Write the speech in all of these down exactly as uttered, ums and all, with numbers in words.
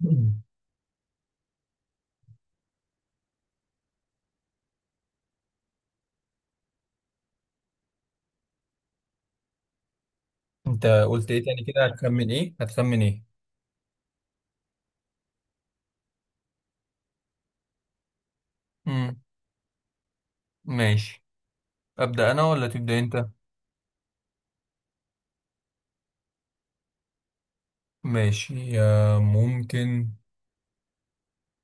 مم. انت قلت ايه تاني كده، هتخمن ايه، هتخمن ايه؟ مم. ماشي، ابدا انا ولا تبدا انت؟ ماشي، آه، ممكن.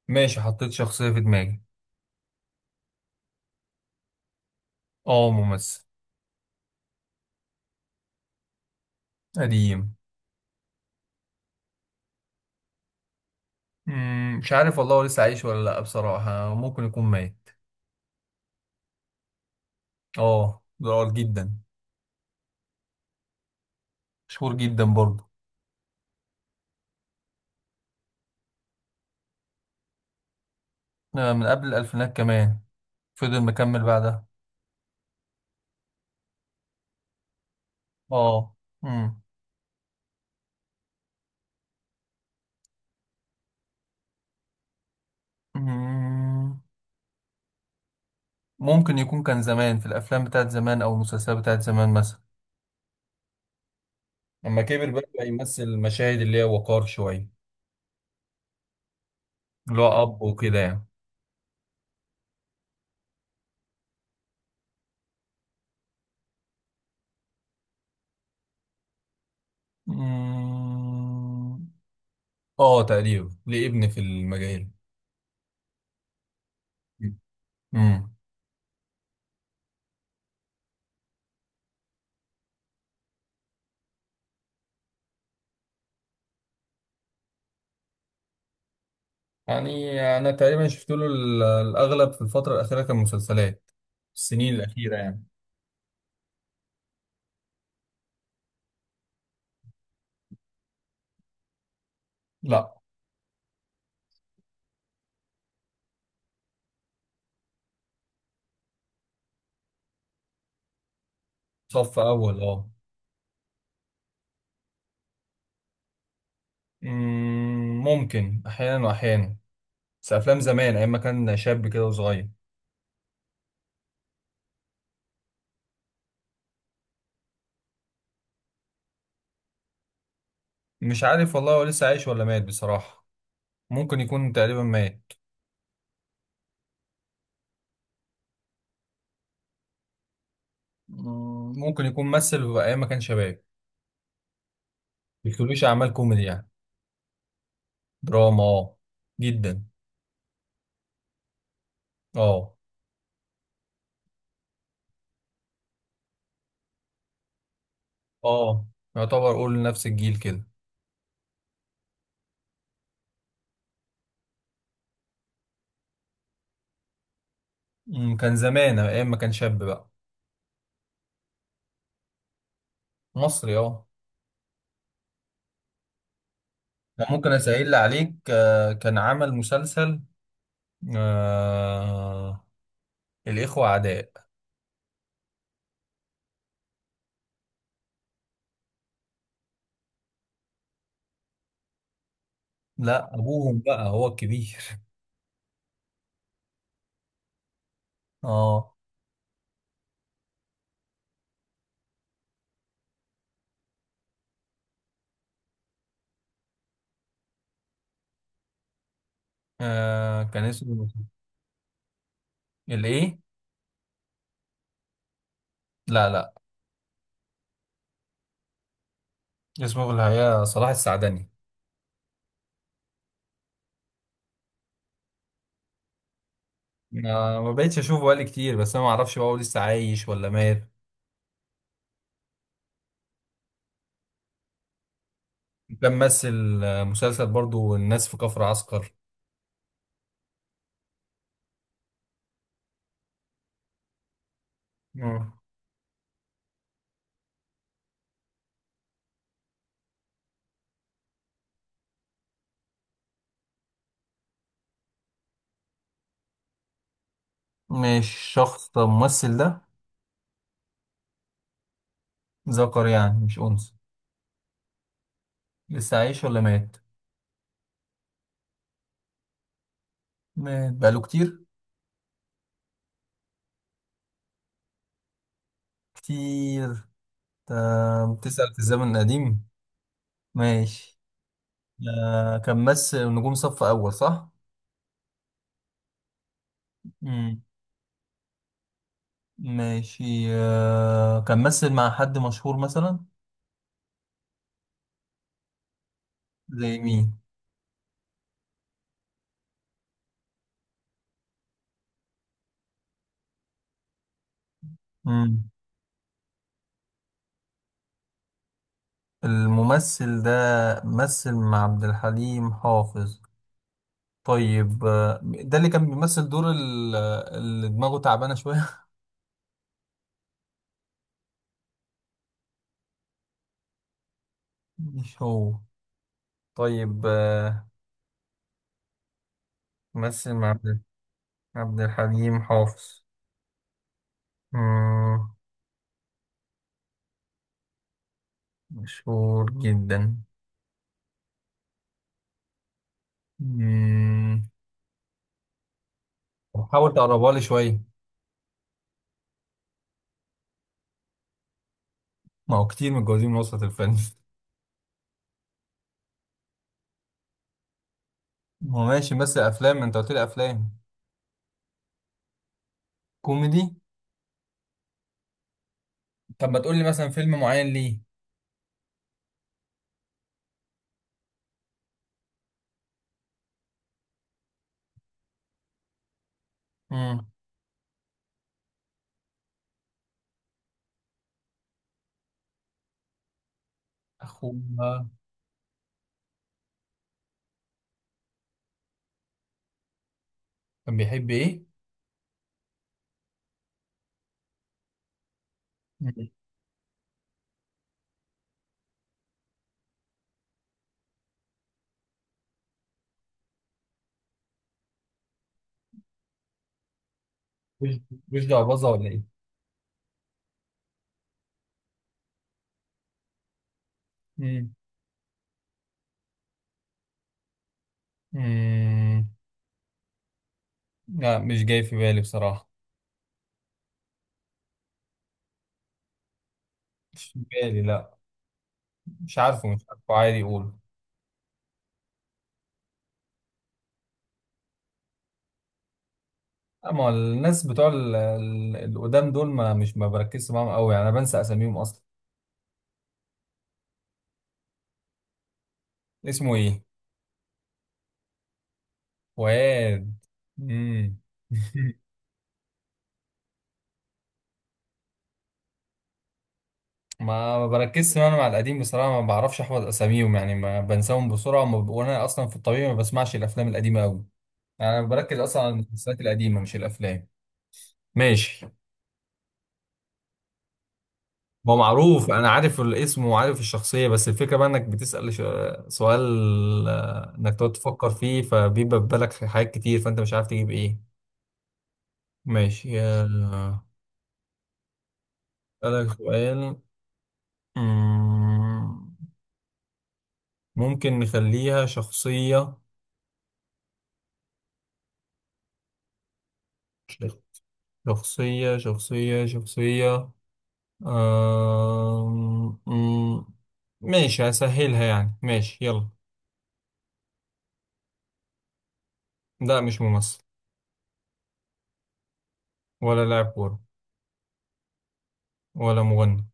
ماشي حطيت شخصيه في دماغي. اه، ممثل قديم. مم. مش عارف والله، هو لسه عايش ولا لا، بصراحه ممكن يكون ميت. اه، ضرار جدا. مشهور جدا برضه. آه، من قبل الالفينات كمان، فضل مكمل بعدها. اه. مم. مم. ممكن يكون كان زمان في الافلام بتاعت زمان او المسلسلات بتاعت زمان مثلا. لما كبر بقى بقى يمثل المشاهد اللي هي وقار شوية، اللي هو أب وكده يعني. أمم، اه تقريبا ليه ابن في المجال. امم. يعني أنا تقريبا شفت له ال- الأغلب في الفترة الأخيرة كان مسلسلات، السنين الأخيرة يعني. لا. صف أول اه. أمم، ممكن أحيانا وأحيانا، بس أفلام زمان أيام ما كان شاب كده وصغير. مش عارف والله، هو لسه عايش ولا مات بصراحة، ممكن يكون تقريبا مات. مم، ممكن يكون مثل في ايام ما كان شباب، بيكتبليش اعمال كوميدي يعني. دراما اه، جدا. اه. اه، يعتبر اقول نفس الجيل كده. مم، كان زمان ايام ما كان شاب بقى. مصري اه. أنا ممكن اسأل عليك، آه، كان عمل مسلسل، آه الاخوة اعداء. لا، ابوهم بقى هو الكبير. اه. آه، كان اسمه الايه؟ لا، لا. اسمه في الحقيقة صلاح السعدني. ما ما بقتش اشوفه بقالي كتير، بس انا ما اعرفش بقى هو لسه عايش ولا مات. كان ممثل، آه، مسلسل برضو الناس في كفر عسكر. مم. مش شخص طب الممثل ده ذكر يعني مش انثى؟ لسه عايش ولا مات؟ مات بقاله كتير؟ كتير. تا- بتسأل في الزمن القديم. ماشي. آه، كان ممثل نجوم صف اول صح؟ مم. ماشي، آه، كان ممثل مع حد مشهور مثلا؟ زي مين؟ الممثل ده مثل مع عبد الحليم حافظ؟ طيب، آه، ده اللي كان بيمثل دور ال- اللي دماغه تعبانة شوية. مش هو. طيب، آه، مثل مع عبد عبد الحليم حافظ. مم، مشهور جدا. مم، طب حاول تقربها لي شوية. ما هو كتير متجوزين من وسط الفن. ما هو ماشي، مثل أفلام ما أنت قلت لي أفلام. كوميدي. طب ما تقول لي مثلا فيلم معين ليه؟ مم. أخوها. كان بيحب إيه؟ مش مش جعبذة ولا ايه؟ مم. مم. لا مش جاي في بالي بصراحة. مش في بالي لا. مش عارفه مش عارفه عادي يقول. اما الناس بتوع ال- ال- القدام دول ما مش ما بركزش معاهم قوي، يعني انا بنسى اساميهم اصلا. اسمه ايه؟ فؤاد. مم. ما بركزش انا مع القديم بصراحة، ما بعرفش احفظ اساميهم، يعني ما بنساهم بسرعة، وما- وانا اصلا في الطبيعي ما بسمعش الافلام القديمة قوي، يعني انا بركز اصلا على المسلسلات القديمة مش الافلام. ماشي. ما هو معروف، انا عارف الاسم وعارف الشخصيه، بس الفكره بقى انك بتسال ش- سؤال، آه، انك تقعد تفكر فيه فبيبقى في بالك حاجات كتير فانت مش عارف تجيب ايه. ماشي، آه، اسالك سؤال. مم، ممكن نخليها شخصيه، شخصيه شخصيه شخصيه. آم، مم، ماشي هسهلها يعني، ماشي يلا. لا مش ممثل. ولا لاعب كوره. ولا مغني.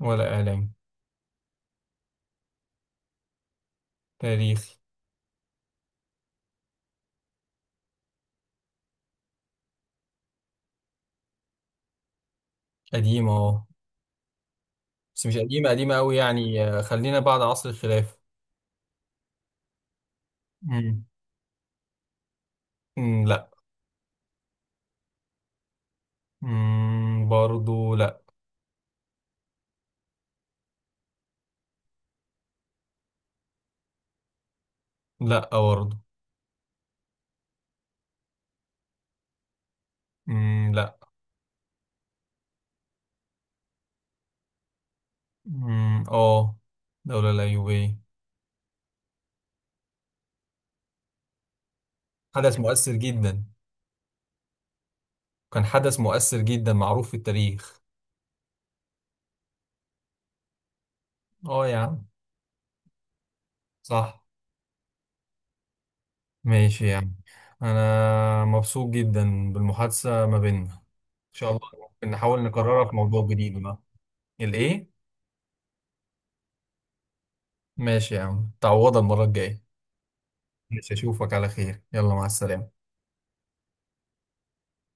ولا اعلامي. تاريخي. قديمة اه، بس مش قديمة قديمة أوي يعني، آه، خلينا بعد عصر الخلافة. مم. مم، لا. مم. برضو لا. لا برضو. مم. لا. مم. اه، دولة الأيوبية. حدث مؤثر جدا. كان حدث مؤثر جدا معروف في التاريخ. اه يا عم. صح. ماشي يا عم. أنا مبسوط جدا بالمحادثة ما بيننا، إن شاء الله ممكن نحاول نكررها في موضوع جديد بقى. الإيه؟ ماشي يا عم، تعوضها المرة الجاية. مش أشوفك على خير، يلا مع السلامة.